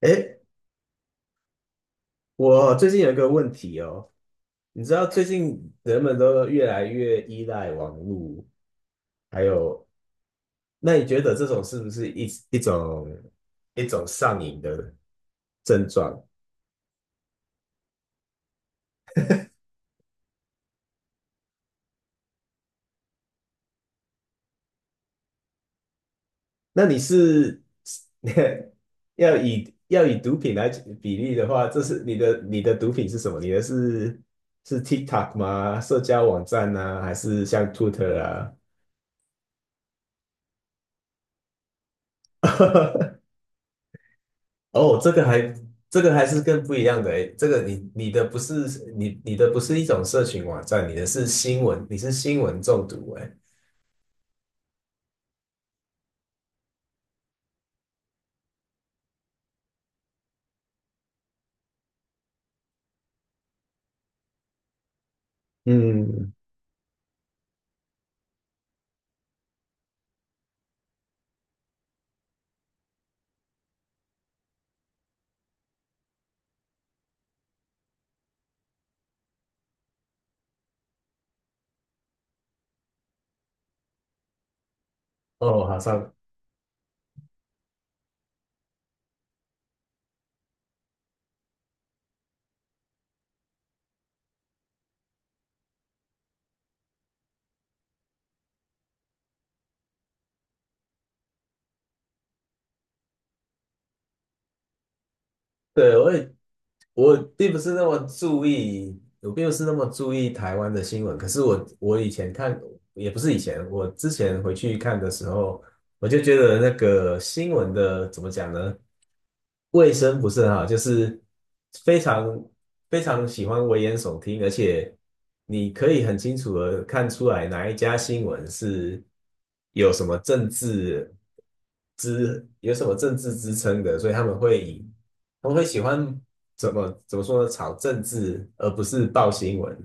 诶，我最近有一个问题哦，你知道最近人们都越来越依赖网络，还有，那你觉得这种是不是一种上瘾的症状？那你是 要以毒品来比例的话，这是你的毒品是什么？你的是 TikTok 吗？社交网站呢、还是像 Twitter 啊？哦，这个还是更不一样的诶，这个你的不是一种社群网站，你的是新闻，你是新闻中毒诶。嗯，哦，好像对，我并不是那么注意，我并不是那么注意台湾的新闻。可是我以前看，也不是以前，我之前回去看的时候，我就觉得那个新闻的怎么讲呢？卫生不是很好，就是非常非常喜欢危言耸听，而且你可以很清楚的看出来哪一家新闻是有什么政治有什么政治支撑的，所以他们会以我会喜欢怎么说呢？炒政治，而不是报新闻。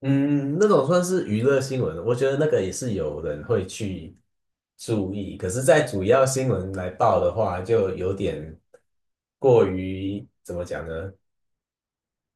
嗯，那种算是娱乐新闻，我觉得那个也是有人会去注意。可是，在主要新闻来报的话，就有点过于怎么讲呢？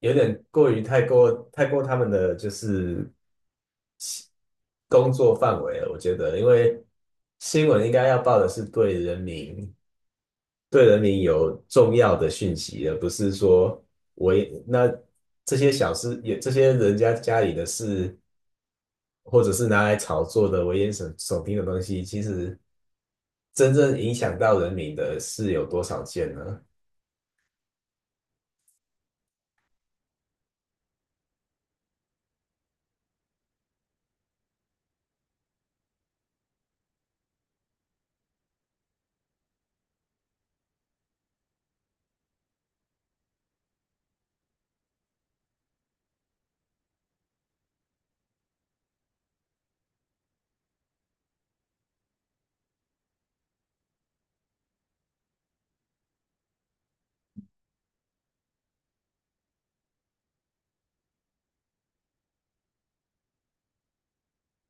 有点过于太过他们的就是工作范围了。我觉得，因为新闻应该要报的是对人民有重要的讯息而不是说我也那这些小事也这些人家家里的事，或者是拿来炒作的危言耸听的东西，其实真正影响到人民的是有多少件呢？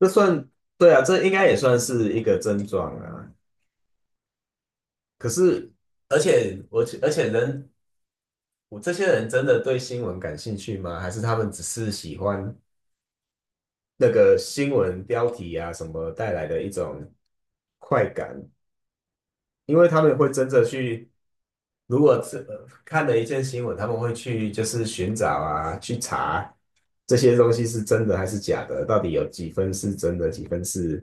这算，对啊，这应该也算是一个症状啊。可是，而且我而且人，我这些人真的对新闻感兴趣吗？还是他们只是喜欢？那个新闻标题啊什么带来的一种快感，因为他们会真的去，如果看了一件新闻，他们会去就是寻找啊，去查这些东西是真的还是假的，到底有几分是真的，几分是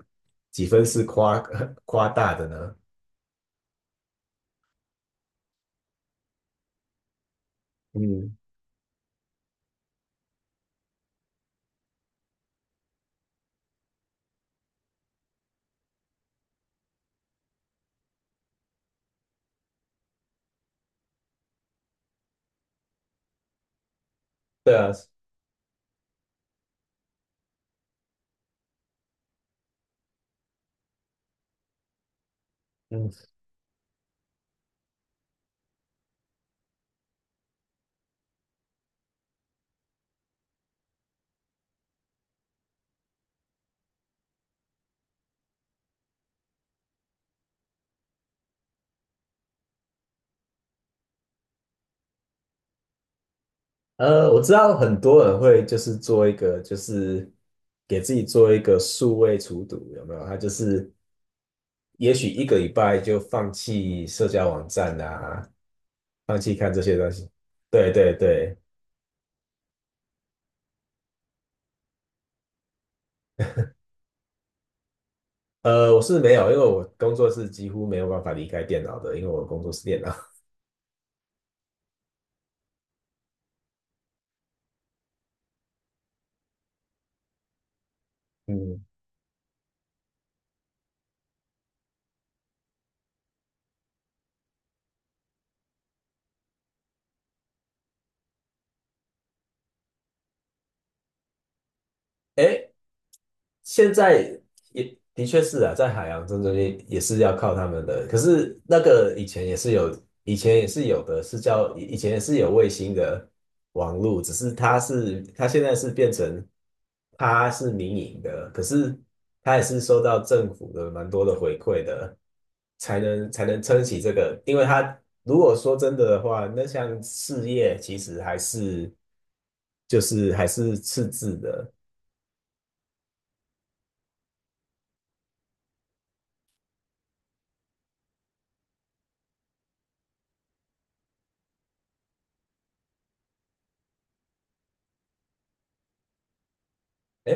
几分是夸大的呢？嗯，对啊，嗯，我知道很多人会就是做一个，就是给自己做一个数位除毒，有没有？他就是也许一个礼拜就放弃社交网站啊，放弃看这些东西。对对对，我是没有，因为我工作是几乎没有办法离开电脑的，因为我工作是电脑。嗯，哎，现在也的确是啊，在海洋正中间也是要靠他们的。可是那个以前也是有，以前也是有的，是叫以以前也是有卫星的网路，只是它现在是变成它是民营的，可是它也是收到政府的蛮多的回馈的，才能撑起这个。因为它如果说真的的话，那项事业其实就是还是赤字的。哎，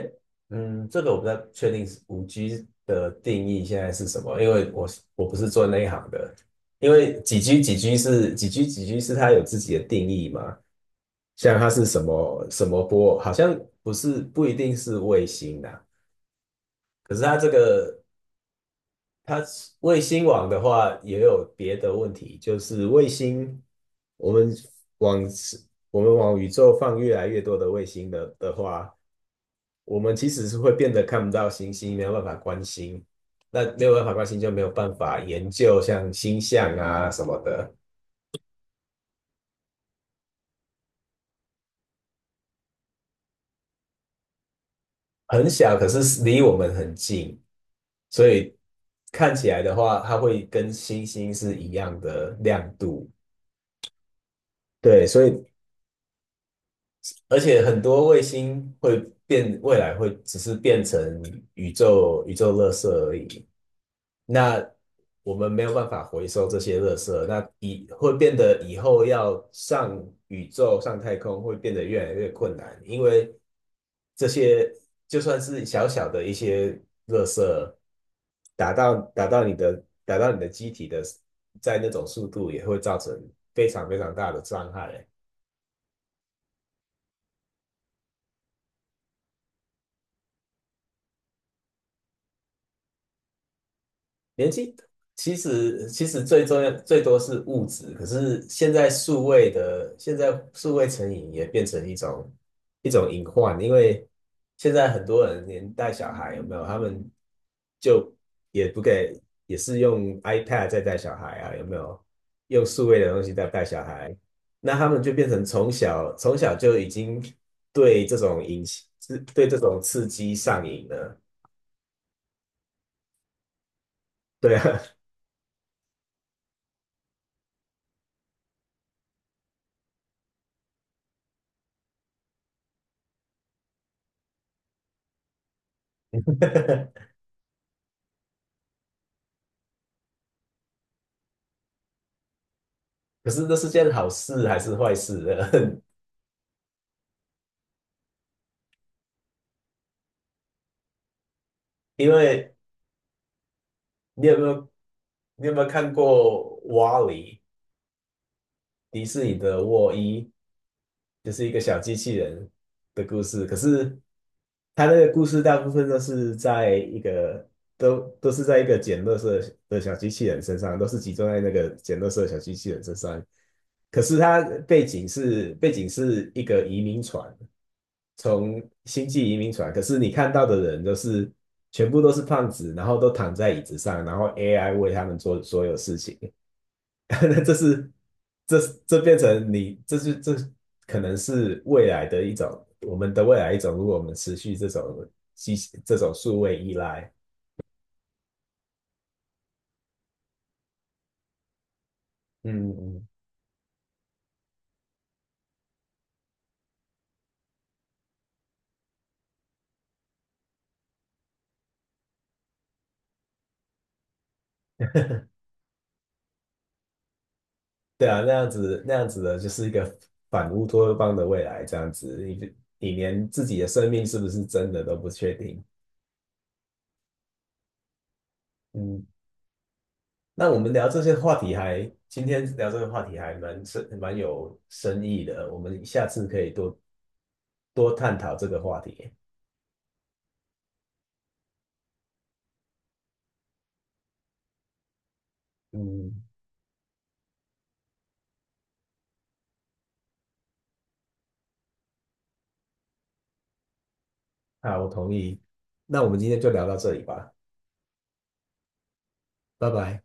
嗯，这个我不太确定是五 g 的定义现在是什么，因为我不是做那一行的。因为几 G 是它有自己的定义嘛，像它是什么什么波，好像不一定是卫星的，可是它这个它卫星网的话，也有别的问题，就是卫星，我们往我们往宇宙放越来越多的卫星的话，我们其实是会变得看不到星星，没有办法观星。那没有办法观星，就没有办法研究像星象啊什么的，很小，可是离我们很近，所以看起来的话，它会跟星星是一样的亮度。对，所以而且很多卫星会变，未来会只是变成宇宙垃圾而已。那我们没有办法回收这些垃圾，那以会变得以后要上宇宙、上太空会变得越来越困难，因为这些就算是小小的一些垃圾，打到你的机体的，在那种速度也会造成非常非常大的伤害。年纪其实其实最重要最多是物质，可是现在数位成瘾也变成一种隐患，因为现在很多人连带小孩有没有，他们就也不给，也是用 iPad 在带小孩啊，有没有？用数位的东西在带小孩，那他们就变成从小就已经对这种引是对这种刺激上瘾了。对啊，可是这是件好事还是坏事呢？因为你有没有你有没有看过《瓦力》迪士尼的《沃伊》，就是一个小机器人的故事。可是它那个故事大部分都是在一个捡垃圾的小机器人身上，都是集中在那个捡垃圾的小机器人身上。可是它背景是一个移民船，从星际移民船，可是你看到的人全部都是胖子，然后都躺在椅子上，然后 AI 为他们做所有事情。那这是这这变成你这是这可能是未来的一种我们的未来一种，如果我们持续机这种数位依赖，嗯嗯，对啊，那样子的就是一个反乌托邦的未来，这样子你连自己的生命是不是真的都不确定，嗯。那我们聊这些话题还，今天聊这个话题还蛮深，蛮有深意的。我们下次可以多多探讨这个话题。嗯，好，我同意。那我们今天就聊到这里吧，拜拜。